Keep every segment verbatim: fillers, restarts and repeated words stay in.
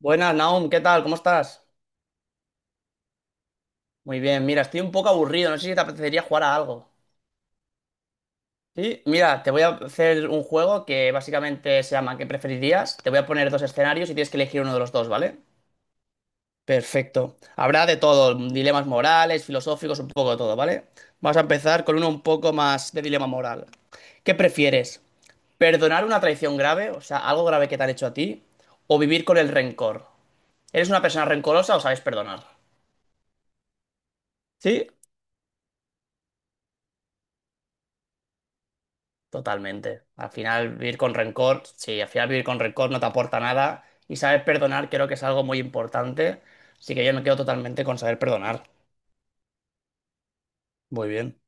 Buenas, Naum, ¿qué tal? ¿Cómo estás? Muy bien, mira, estoy un poco aburrido, no sé si te apetecería jugar a algo. Sí, mira, te voy a hacer un juego que básicamente se llama ¿Qué preferirías? Te voy a poner dos escenarios y tienes que elegir uno de los dos, ¿vale? Perfecto. Habrá de todo, dilemas morales, filosóficos, un poco de todo, ¿vale? Vamos a empezar con uno un poco más de dilema moral. ¿Qué prefieres? ¿Perdonar una traición grave, o sea, algo grave que te han hecho a ti, o vivir con el rencor? ¿Eres una persona rencorosa o sabes perdonar? ¿Sí? Totalmente. Al final vivir con rencor, sí, al final vivir con rencor no te aporta nada y saber perdonar creo que es algo muy importante, así que yo me quedo totalmente con saber perdonar. Muy bien.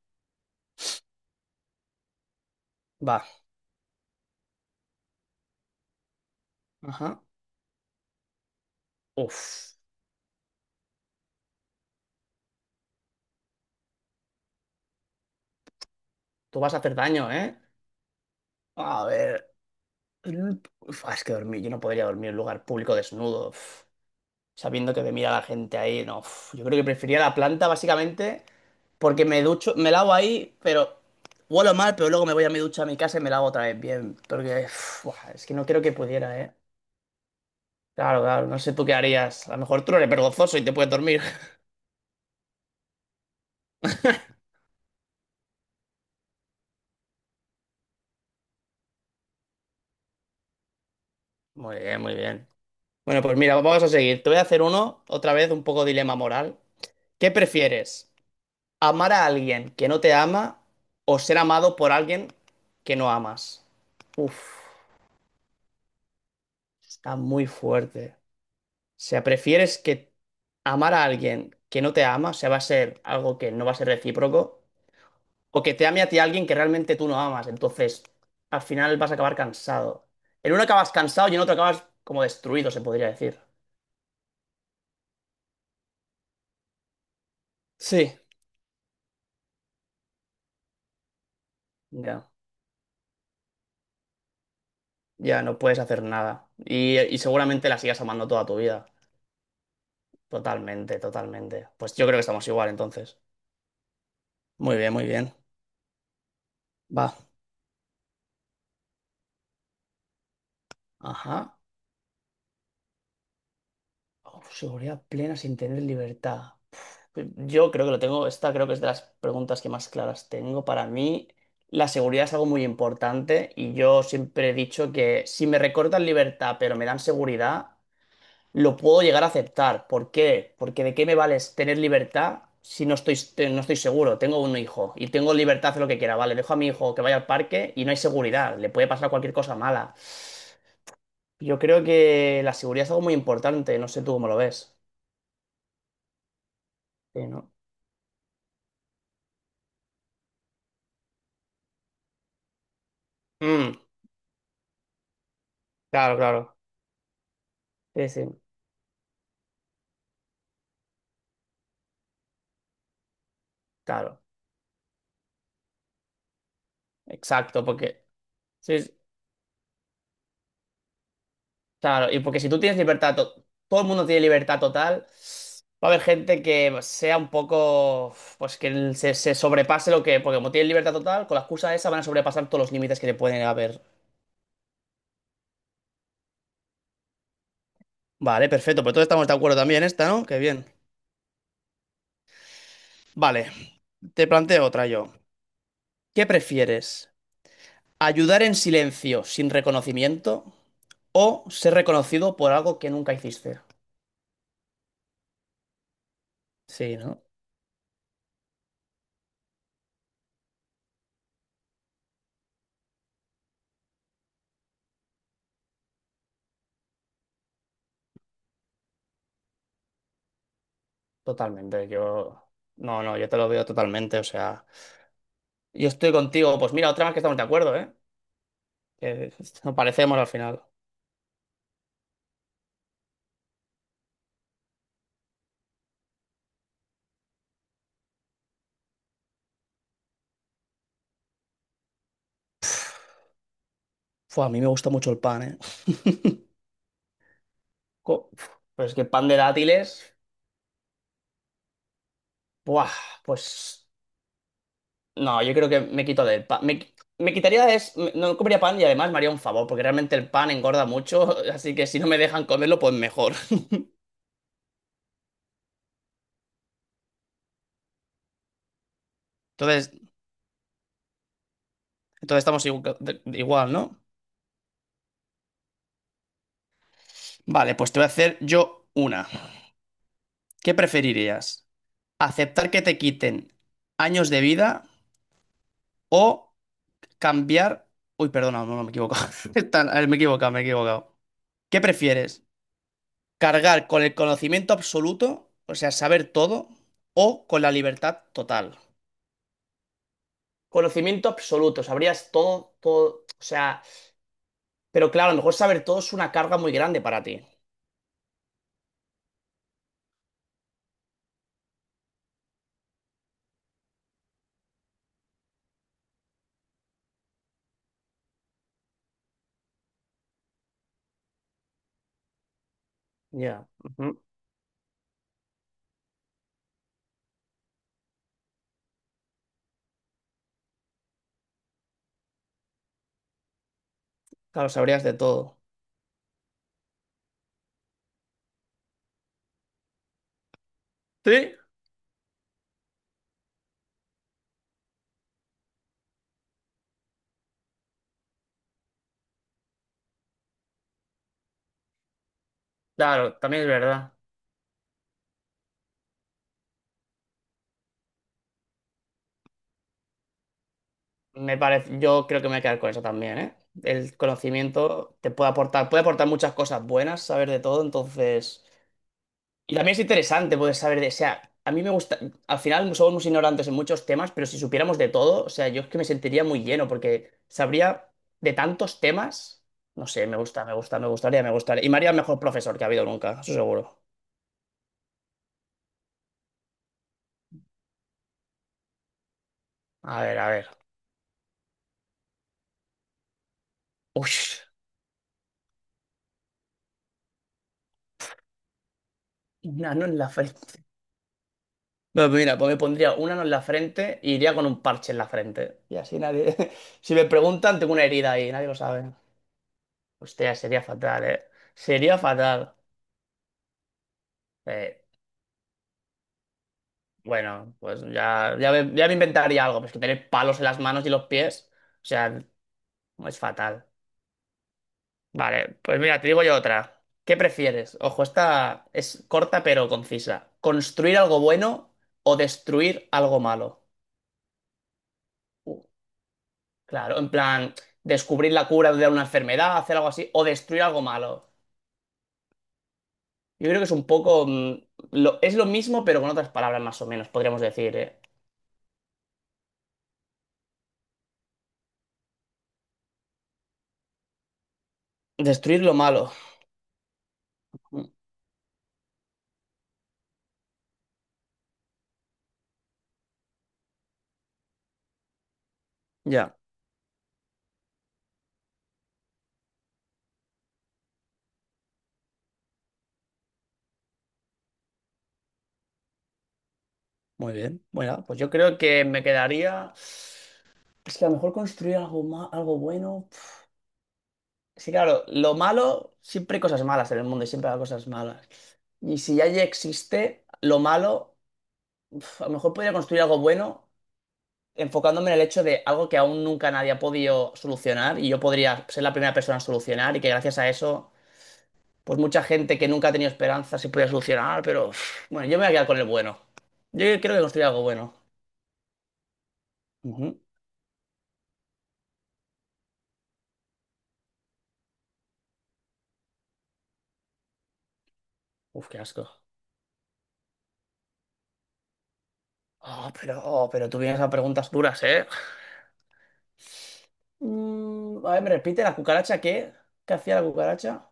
Va. Ajá. Uf, Tú vas a hacer daño, ¿eh? A ver. Uf, es que dormir, yo no podría dormir en un lugar público desnudo, uf, sabiendo que me mira la gente ahí, no. Uf. Yo creo que preferiría la planta básicamente. Porque me ducho, me lavo ahí, pero huelo mal, pero luego me voy a mi ducha a mi casa y me lavo otra vez bien. Porque uf, buah, es que no creo que pudiera, ¿eh? Claro, claro, no sé tú qué harías. A lo mejor tú no eres vergonzoso y te puedes dormir. Muy bien, muy bien. Bueno, pues mira, vamos a seguir. Te voy a hacer uno, otra vez, un poco dilema moral. ¿Qué prefieres? ¿Amar a alguien que no te ama o ser amado por alguien que no amas? Uf, está muy fuerte. O sea, prefieres que amar a alguien que no te ama, o sea, va a ser algo que no va a ser recíproco, o que te ame a ti alguien que realmente tú no amas. Entonces, al final vas a acabar cansado. En uno acabas cansado y en otro acabas como destruido, se podría decir. Sí. Ya, ya no puedes hacer nada. Y, y seguramente la sigas amando toda tu vida. Totalmente, totalmente. Pues yo creo que estamos igual entonces. Muy bien, muy bien. Va. Ajá. Oh, seguridad plena sin tener libertad. Yo creo que lo tengo, esta creo que es de las preguntas que más claras tengo. Para mí, la seguridad es algo muy importante y yo siempre he dicho que si me recortan libertad pero me dan seguridad, lo puedo llegar a aceptar. ¿Por qué? Porque ¿de qué me vale tener libertad si no estoy, te- no estoy seguro? Tengo un hijo y tengo libertad de hacer lo que quiera. Vale, dejo a mi hijo que vaya al parque y no hay seguridad. Le puede pasar cualquier cosa mala. Yo creo que la seguridad es algo muy importante. No sé tú cómo lo ves. Sí, ¿no? Mm, claro, claro. Sí, sí. Claro, exacto, porque sí, sí, claro, y porque si tú tienes libertad, to- todo el mundo tiene libertad total, va a haber gente que sea un poco, pues que el- se, se sobrepase lo que, porque como tienen libertad total, con la excusa esa van a sobrepasar todos los límites que le pueden haber. Vale, perfecto, pues todos estamos de acuerdo también en esta, ¿no? Qué bien. Vale, te planteo otra yo. ¿Qué prefieres? ¿Ayudar en silencio sin reconocimiento o ser reconocido por algo que nunca hiciste? Sí, ¿no? Totalmente, yo... No, no, yo te lo veo totalmente, o sea... Yo estoy contigo, pues mira, otra vez que estamos de acuerdo, ¿eh? Que nos parecemos al final. Fua, a mí me gusta mucho el pan, ¿eh? Co- Pero es que pan de dátiles... Buah, pues... No, yo creo que me quito del pan. Me, qui- me quitaría de... es- me- No comería pan y además me haría un favor, porque realmente el pan engorda mucho, así que si no me dejan comerlo, pues mejor. Entonces, entonces estamos igu- igual, ¿no? Vale, pues te voy a hacer yo una. ¿Qué preferirías? Aceptar que te quiten años de vida o cambiar... Uy, perdona, no, no, me he equivocado. Están- a Me he equivocado, me he equivocado. ¿Qué prefieres? ¿Cargar con el conocimiento absoluto, o sea, saber todo, o con la libertad total? Conocimiento absoluto, sabrías todo, todo, o sea, pero claro, a lo mejor saber todo es una carga muy grande para ti. Ya, ujú. Claro, sabrías de todo. Sí, claro, también es verdad. Me parece, yo creo que me voy a quedar con eso también, ¿eh? El conocimiento te puede aportar, puede aportar muchas cosas buenas, saber de todo, entonces. Y también es interesante poder saber de. O sea, a mí me gusta. Al final somos ignorantes en muchos temas, pero si supiéramos de todo, o sea, yo es que me sentiría muy lleno, porque sabría de tantos temas. No sé, me gusta, me gusta, me gustaría, me gustaría. Y me haría el mejor profesor que ha habido nunca, eso seguro. A ver, a ver. Uy, un nano en la frente. Bueno, pues mira, pues me pondría una en la frente y iría con un parche en la frente. Y así nadie. Si me preguntan, tengo una herida ahí, nadie lo sabe. Hostia, sería fatal, ¿eh? Sería fatal. Eh, bueno, pues ya, ya, me, ya me inventaría algo. Pues que tener palos en las manos y los pies. O sea, es fatal. Vale, pues mira, te digo yo otra. ¿Qué prefieres? Ojo, esta es corta pero concisa. ¿Construir algo bueno o destruir algo malo? Uh. Claro, en plan, descubrir la cura de una enfermedad, hacer algo así, o destruir algo malo. Yo creo que es un poco... mm, lo- es lo mismo, pero con otras palabras más o menos, podríamos decir, ¿eh? Destruir lo malo. Mm, ya, muy bien. Bueno, pues yo creo que me quedaría... Es que a lo mejor construir algo, ma- algo bueno... pf. Sí, claro, lo malo, siempre hay cosas malas en el mundo y siempre hay cosas malas. Y si ya ya existe lo malo, pf, a lo mejor podría construir algo bueno enfocándome en el hecho de algo que aún nunca nadie ha podido solucionar y yo podría ser la primera persona a solucionar y que gracias a eso, pues mucha gente que nunca ha tenido esperanza se podía solucionar, pero uf, bueno, yo me voy a quedar con el bueno. Yo creo que construir algo bueno. Ujú. Uf, qué asco. Oh, pero, oh, pero tú vienes a preguntas duras, ¿eh? Mm, a ver, ¿me repite la cucaracha qué? ¿Qué hacía la cucaracha?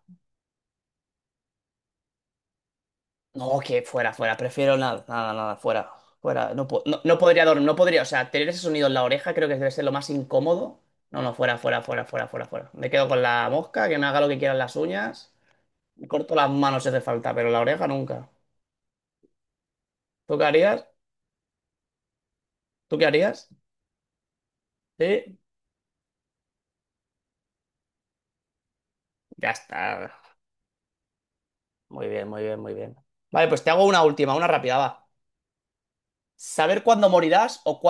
No, que fuera, fuera. Prefiero nada, nada, nada, fuera. Fuera. No, po- no, no podría dormir, no podría. O sea, tener ese sonido en la oreja creo que debe ser lo más incómodo. No, no, fuera, fuera, fuera, fuera, fuera, fuera. Me quedo con la mosca, que me haga lo que quieran las uñas. Me corto las manos si hace falta, pero la oreja nunca. ¿Tú qué harías? ¿Tú qué harías? Sí, ya está. Muy bien, muy bien, muy bien. Vale, pues te hago una última, una rápida, va. ¿Saber cuándo morirás o